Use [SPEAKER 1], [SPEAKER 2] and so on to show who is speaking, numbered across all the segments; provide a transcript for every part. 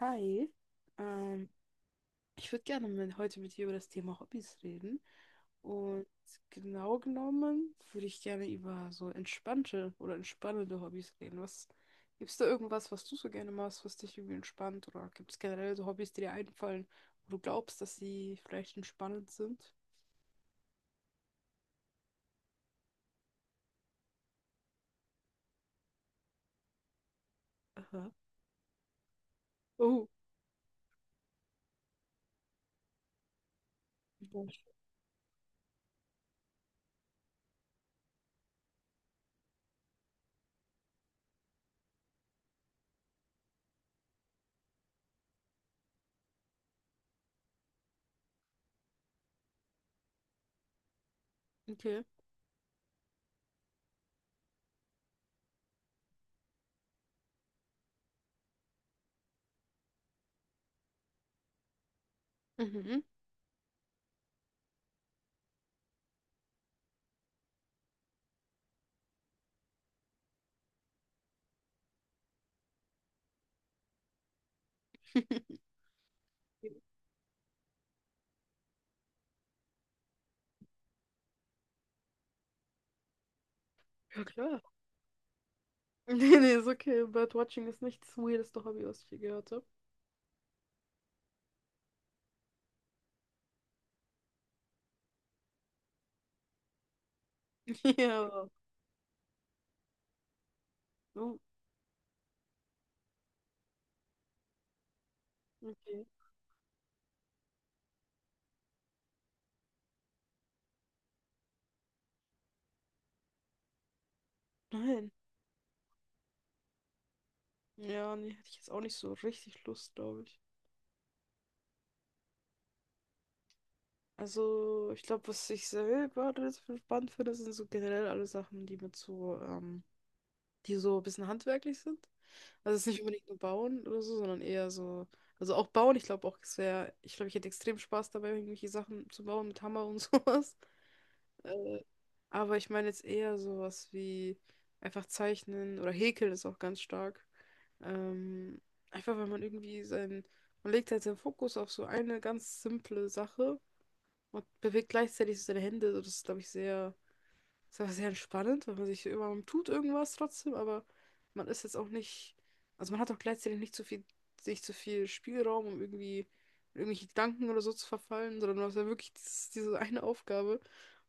[SPEAKER 1] Hi, ähm, ich würde gerne heute mit dir über das Thema Hobbys reden. Und genau genommen würde ich gerne über so entspannte oder entspannende Hobbys reden. Gibt es da irgendwas, was du so gerne machst, was dich irgendwie entspannt? Oder gibt es generell so Hobbys, die dir einfallen, wo du glaubst, dass sie vielleicht entspannend sind? Aha. Oh, Mensch. Okay. Mhm. Ja, klar. Nee, nee, ist okay. Birdwatching ist nicht das weirdeste Hobby, was ich je gehört habe. Ja. Oh, okay. Nein. Ja, nee, hätte ich jetzt auch nicht so richtig Lust, glaube ich. Also, ich glaube, was ich selber das spannend finde, sind so generell alle Sachen, die mit so, die so ein bisschen handwerklich sind. Also es ist nicht unbedingt nur Bauen oder so, sondern eher so, also auch Bauen, ich glaube auch, ich glaube, ich hätte extrem Spaß dabei, irgendwelche Sachen zu bauen mit Hammer und sowas. Äh, aber ich meine jetzt eher sowas wie einfach zeichnen oder häkeln ist auch ganz stark. Ähm, Einfach weil man irgendwie man legt halt seinen Fokus auf so eine ganz simple Sache und bewegt gleichzeitig so seine Hände. So, das ist, glaube ich, sehr, ist aber sehr entspannend, weil man sich immer, man tut irgendwas trotzdem, aber man ist jetzt auch nicht, also man hat auch gleichzeitig nicht zu viel, nicht zu viel Spielraum, um irgendwie in irgendwelche Gedanken oder so zu verfallen, sondern du hast ja wirklich diese eine Aufgabe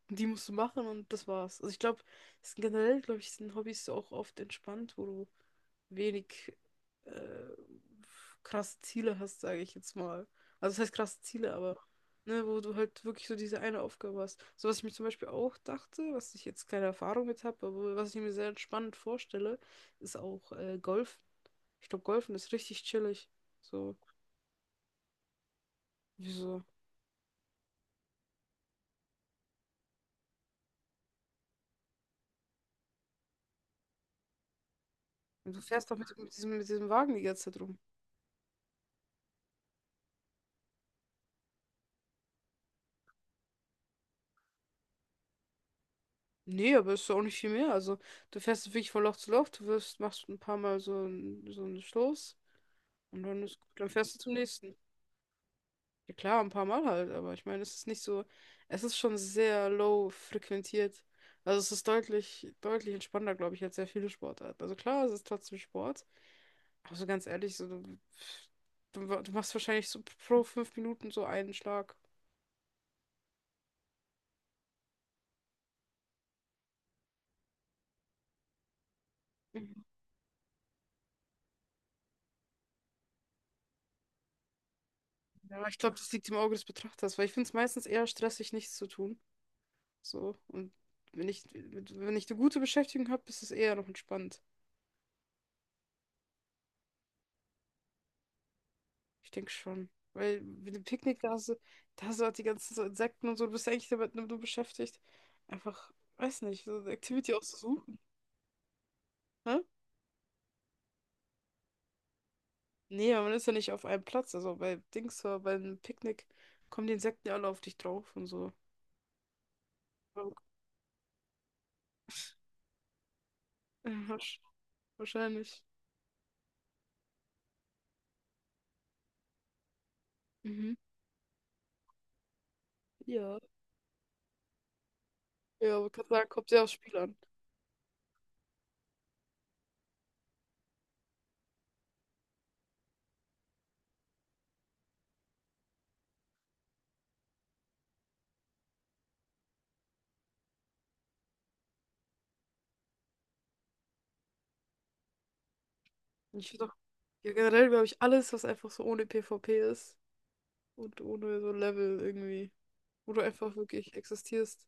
[SPEAKER 1] und die musst du machen und das war's. Also ich glaube, es sind generell, glaube ich, sind Hobbys auch oft entspannt, wo du wenig äh, krasse Ziele hast, sage ich jetzt mal. Also das heißt krasse Ziele, aber ne, wo du halt wirklich so diese eine Aufgabe hast. So, was ich mir zum Beispiel auch dachte, was ich jetzt keine Erfahrung mit habe, aber was ich mir sehr spannend vorstelle, ist auch Golf. Ich glaube, Golfen ist richtig chillig. So, wieso? Und du fährst doch mit diesem Wagen die ganze Zeit rum. Nee, aber ist doch auch nicht viel mehr. Also, du fährst wirklich von Loch zu Loch, du wirfst, machst ein paar Mal so, so einen Stoß und dann ist gut, dann fährst du zum nächsten. Ja klar, ein paar Mal halt, aber ich meine, es ist nicht so, es ist schon sehr low frequentiert. Also es ist deutlich, deutlich entspannter, glaube ich, als sehr viele Sportarten. Also klar, es ist trotzdem Sport, aber so ganz ehrlich, so, du machst wahrscheinlich so pro 5 Minuten so einen Schlag. Mhm. Ja, aber ich glaube, das liegt im Auge des Betrachters, weil ich finde es meistens eher stressig, nichts zu tun. So, und wenn ich eine gute Beschäftigung habe, ist es eher noch entspannt. Ich denke schon. Weil mit dem Picknick, da hast du halt die ganzen so Insekten und so, du bist ja eigentlich damit nur beschäftigt. Einfach, weiß nicht, so eine Activity auszusuchen. Hä? Nee, aber man ist ja nicht auf einem Platz. Also bei Dings, beim Picknick kommen die Insekten ja alle auf dich drauf und so. Ja, wahrscheinlich. Mhm. Ja. Ja, aber kann sagen, kommt sehr aufs Spiel an. Und ich finde auch, ja, generell glaube ich, alles, was einfach so ohne PvP ist und ohne so Level irgendwie, wo du einfach wirklich existierst.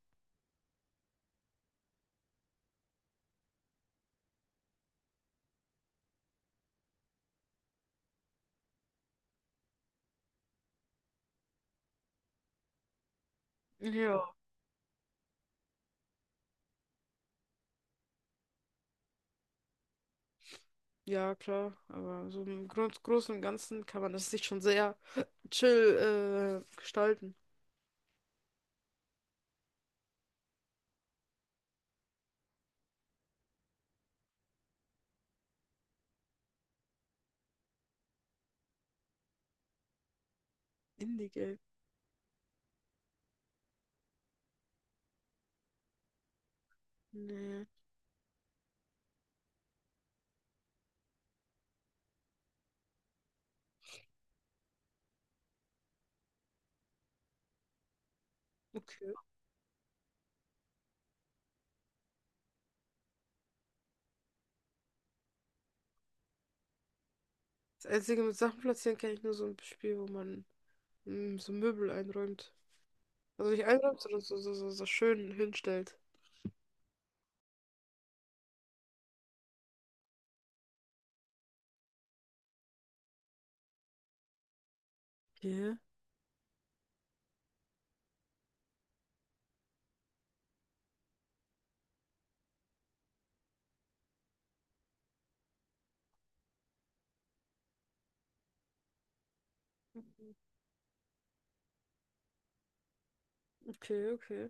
[SPEAKER 1] Ja. Ja, klar, aber so im Grund, Großen und Ganzen kann man das sich schon sehr chill gestalten. Indie-Game. Nee. Okay. Das Einzige mit Sachen platzieren kann ich nur so ein Spiel, wo man so Möbel einräumt. Also nicht einräumt, sondern so schön hinstellt. Okay. Mhm. Okay, okay.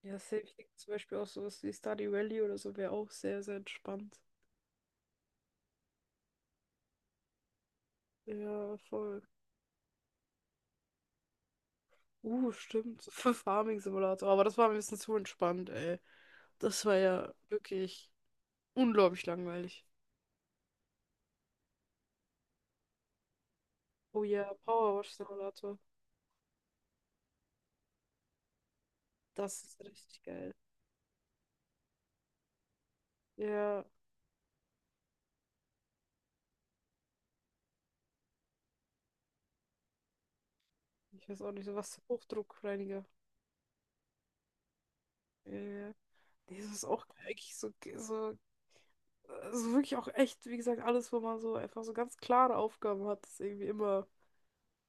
[SPEAKER 1] Ja, safe liegt zum Beispiel auch sowas wie Stardew Valley oder so wäre auch sehr, sehr entspannt. Ja, voll. Stimmt. Für Farming Simulator. Aber das war ein bisschen zu entspannt, ey. Das war ja wirklich. Unglaublich langweilig. Oh ja, Powerwash-Simulator. Das ist richtig geil. Ja, ich weiß auch nicht, so was Hochdruckreiniger. Äh, Nee, das ist auch geil, eigentlich so, also wirklich auch echt, wie gesagt, alles, wo man so einfach so ganz klare Aufgaben hat, ist irgendwie immer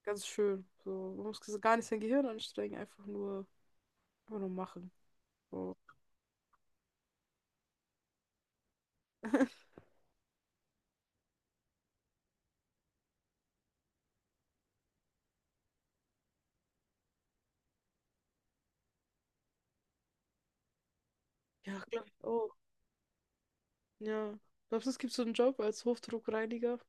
[SPEAKER 1] ganz schön. So, man muss so gar nicht sein Gehirn anstrengen, einfach nur machen. So. Ja, glaube ich auch. Ja. Glaubst du, es gibt so einen Job als Hochdruckreiniger?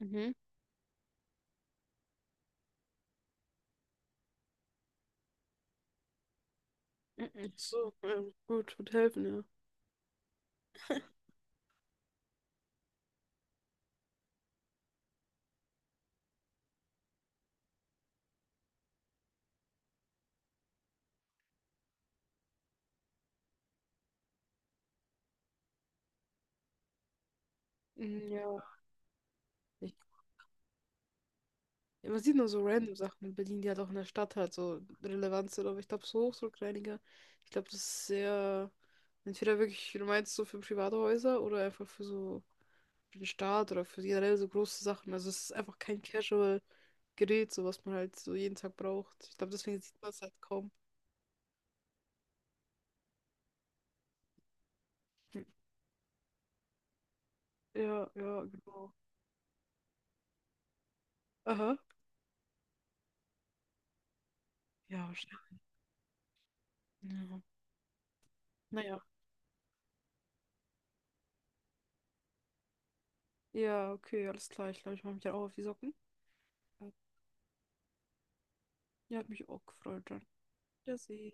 [SPEAKER 1] Mhm. Mhm. So, gut, wird helfen, ja. Mhm, ja. Ich. Ja, man sieht nur so random Sachen in Berlin, die halt auch in der Stadt halt so relevant sind, aber ich glaube, so Hochdruckreiniger, ich glaube, das ist sehr, entweder wirklich, wie du meinst, so für private Häuser oder einfach für so für den Staat oder für generell so große Sachen. Also es ist einfach kein Casual-Gerät, so was man halt so jeden Tag braucht. Ich glaube, deswegen sieht man es halt kaum. Ja, ja, genau. Aha. Ja, wahrscheinlich. Ja. Naja. Ja, okay, alles klar. Ich glaube, ich mache mich dann auch auf die Socken. Ja, hat mich auch gefreut. Dann. Wiedersehen.